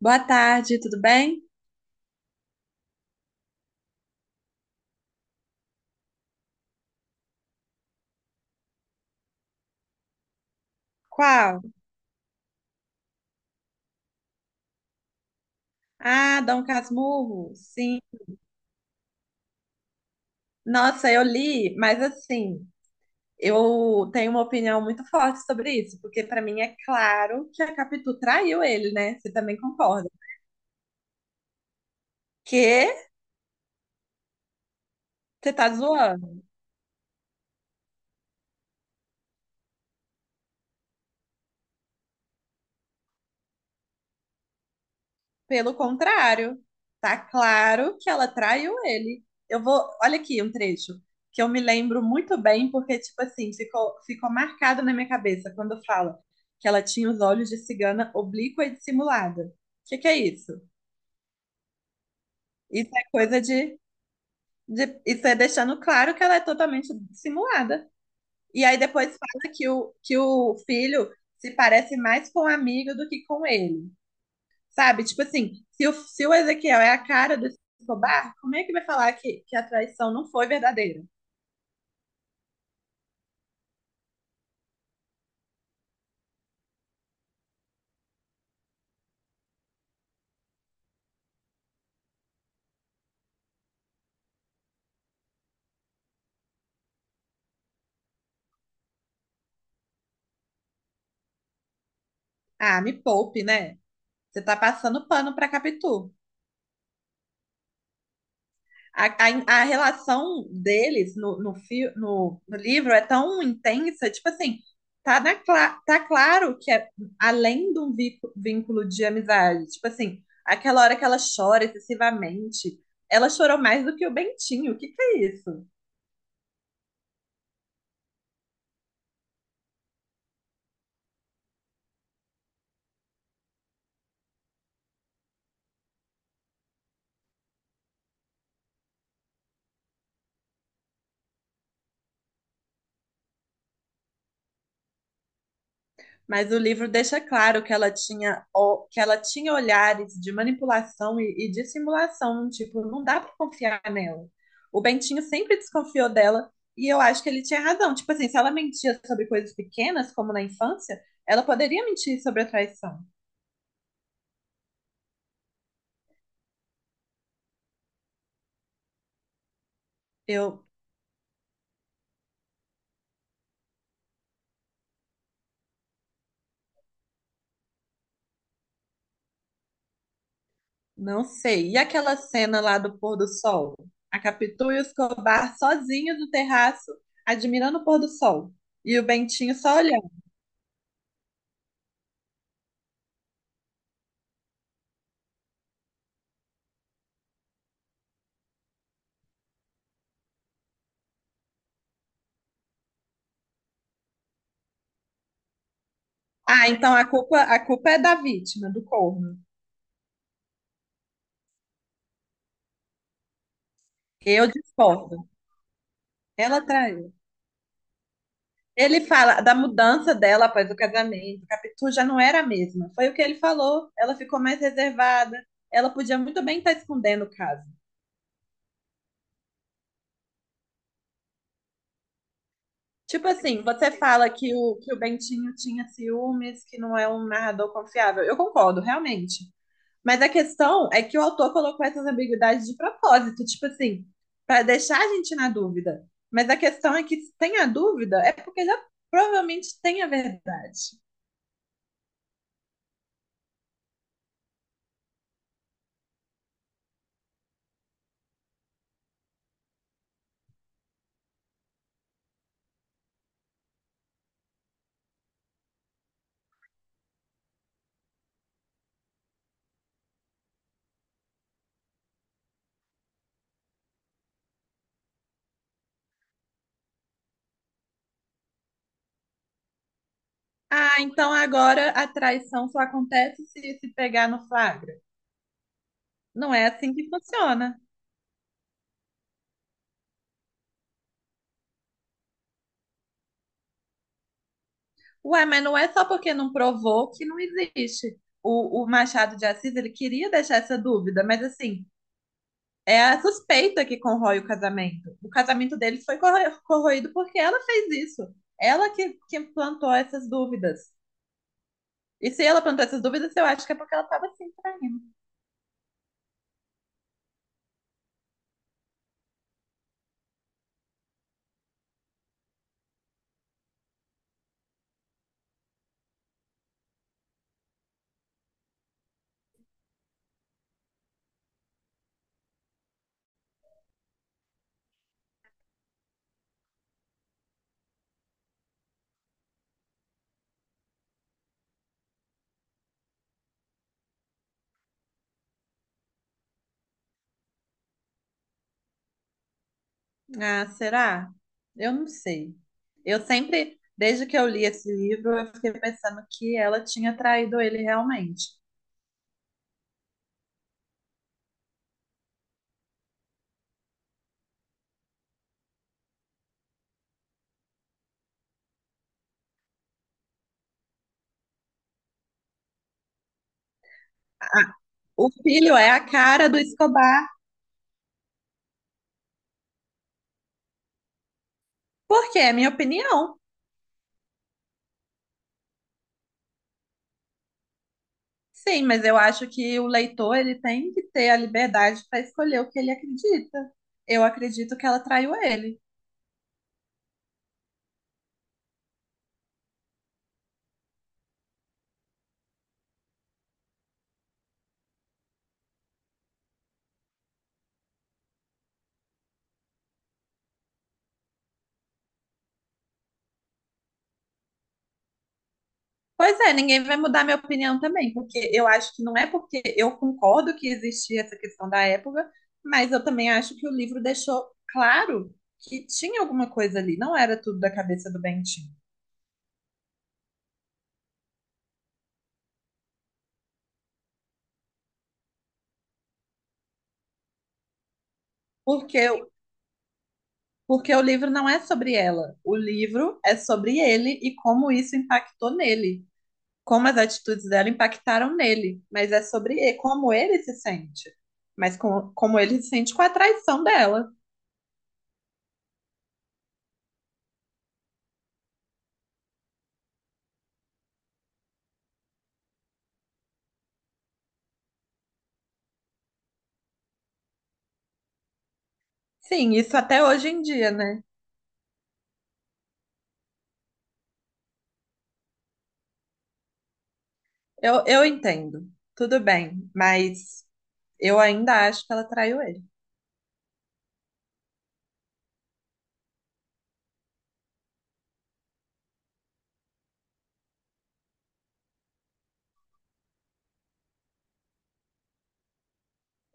Boa tarde, tudo bem? Qual? Ah, Dom Casmurro, sim. Nossa, eu li, mas assim, eu tenho uma opinião muito forte sobre isso, porque pra mim é claro que a Capitu traiu ele, né? Você também concorda? Que? Você tá zoando? Pelo contrário, tá claro que ela traiu ele. Eu vou, olha aqui um trecho que eu me lembro muito bem, porque, tipo assim, ficou marcado na minha cabeça quando fala que ela tinha os olhos de cigana oblíqua e dissimulada. O que que é isso? Isso é coisa Isso é deixando claro que ela é totalmente dissimulada. E aí depois fala que o filho se parece mais com o amigo do que com ele. Sabe? Tipo assim, se o Ezequiel é a cara do Escobar, como é que vai falar que a traição não foi verdadeira? Ah, me poupe, né? Você tá passando pano pra Capitu. A, a relação deles no livro é tão intensa, tipo assim, tá claro que é além de um vínculo de amizade. Tipo assim, aquela hora que ela chora excessivamente, ela chorou mais do que o Bentinho. O que que é isso? Mas o livro deixa claro que ela tinha, que ela tinha olhares de manipulação e dissimulação, tipo, não dá pra confiar nela. O Bentinho sempre desconfiou dela e eu acho que ele tinha razão. Tipo assim, se ela mentia sobre coisas pequenas, como na infância, ela poderia mentir sobre a traição. Eu não sei. E aquela cena lá do pôr do sol? A Capitu e o Escobar sozinhos no terraço, admirando o pôr do sol. E o Bentinho só olhando. Ah, então a culpa é da vítima, do corvo. Eu discordo. Ela traiu. Ele fala da mudança dela após o casamento. Capitu já não era a mesma. Foi o que ele falou. Ela ficou mais reservada. Ela podia muito bem estar escondendo o caso. Tipo assim, você fala que o Bentinho tinha ciúmes, que não é um narrador confiável. Eu concordo, realmente. Mas a questão é que o autor colocou essas ambiguidades de propósito, tipo assim, para deixar a gente na dúvida. Mas a questão é que se tem a dúvida, é porque já provavelmente tem a verdade. Ah, então agora a traição só acontece se se pegar no flagra. Não é assim que funciona. Ué, mas não é só porque não provou que não existe. O Machado de Assis, ele queria deixar essa dúvida, mas assim, é a suspeita que corrói o casamento. O casamento deles foi corroído porque ela fez isso. Ela que plantou essas dúvidas. E se ela plantou essas dúvidas, eu acho que é porque ela estava se traindo. Ah, será? Eu não sei. Eu sempre, desde que eu li esse livro, eu fiquei pensando que ela tinha traído ele realmente. Ah, o filho é a cara do Escobar, porque é minha opinião. Sim, mas eu acho que o leitor ele tem que ter a liberdade para escolher o que ele acredita. Eu acredito que ela traiu ele. Pois é, ninguém vai mudar minha opinião também, porque eu acho que não é porque eu concordo que existia essa questão da época, mas eu também acho que o livro deixou claro que tinha alguma coisa ali, não era tudo da cabeça do Bentinho. Porque, porque o livro não é sobre ela, o livro é sobre ele e como isso impactou nele, como as atitudes dela impactaram nele, mas é sobre como ele se sente, mas como ele se sente com a traição dela. Sim, isso até hoje em dia, né? Eu entendo, tudo bem, mas eu ainda acho que ela traiu ele.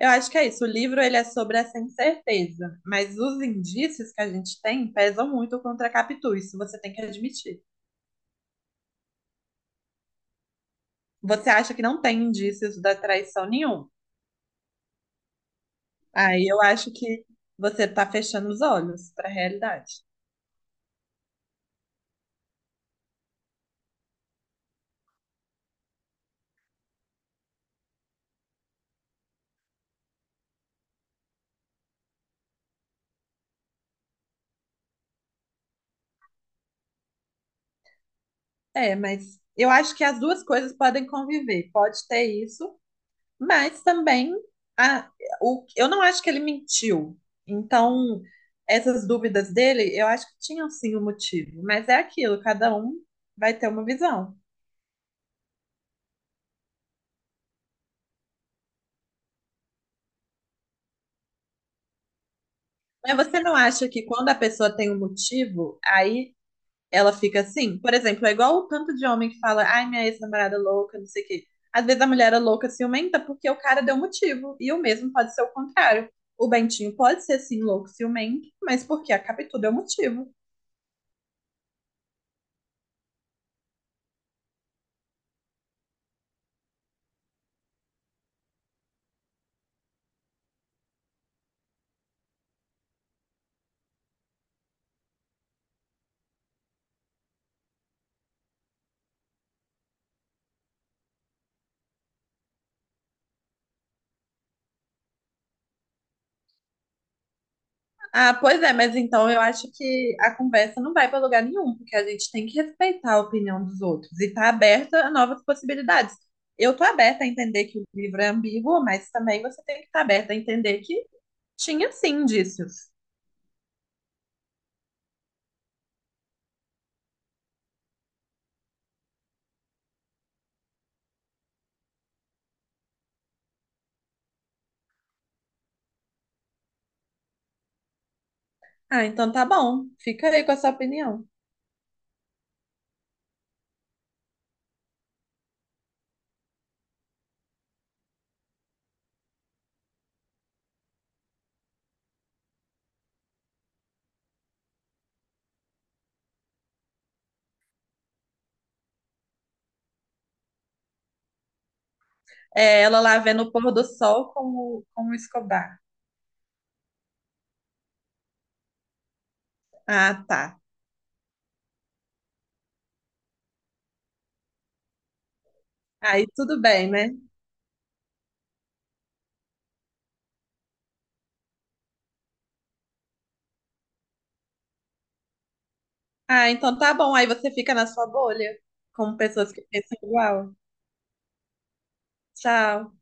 Eu acho que é isso. O livro ele é sobre essa incerteza, mas os indícios que a gente tem pesam muito contra a Capitu, isso você tem que admitir. Você acha que não tem indícios da traição nenhum. Aí eu acho que você está fechando os olhos para a realidade. É, mas eu acho que as duas coisas podem conviver. Pode ter isso, mas também a, o, eu não acho que ele mentiu. Então, essas dúvidas dele, eu acho que tinham sim um motivo. Mas é aquilo, cada um vai ter uma visão. Mas você não acha que quando a pessoa tem um motivo, aí ela fica assim? Por exemplo, é igual o tanto de homem que fala, ai, minha ex-namorada é louca, não sei o quê. Às vezes a mulher é louca, ciumenta, porque o cara deu motivo. E o mesmo pode ser o contrário. O Bentinho pode ser sim louco, ciumento, mas porque a Capitu deu motivo. Ah, pois é, mas então eu acho que a conversa não vai para lugar nenhum, porque a gente tem que respeitar a opinião dos outros e estar aberta a novas possibilidades. Eu tô aberta a entender que o livro é ambíguo, mas também você tem que estar aberta a entender que tinha sim indícios. Ah, então tá bom, fica aí com a sua opinião. É, ela lá vendo o pôr do sol com o Escobar. Ah, tá. Aí tudo bem, né? Ah, então tá bom, aí você fica na sua bolha, com pessoas que pensam igual. Tchau.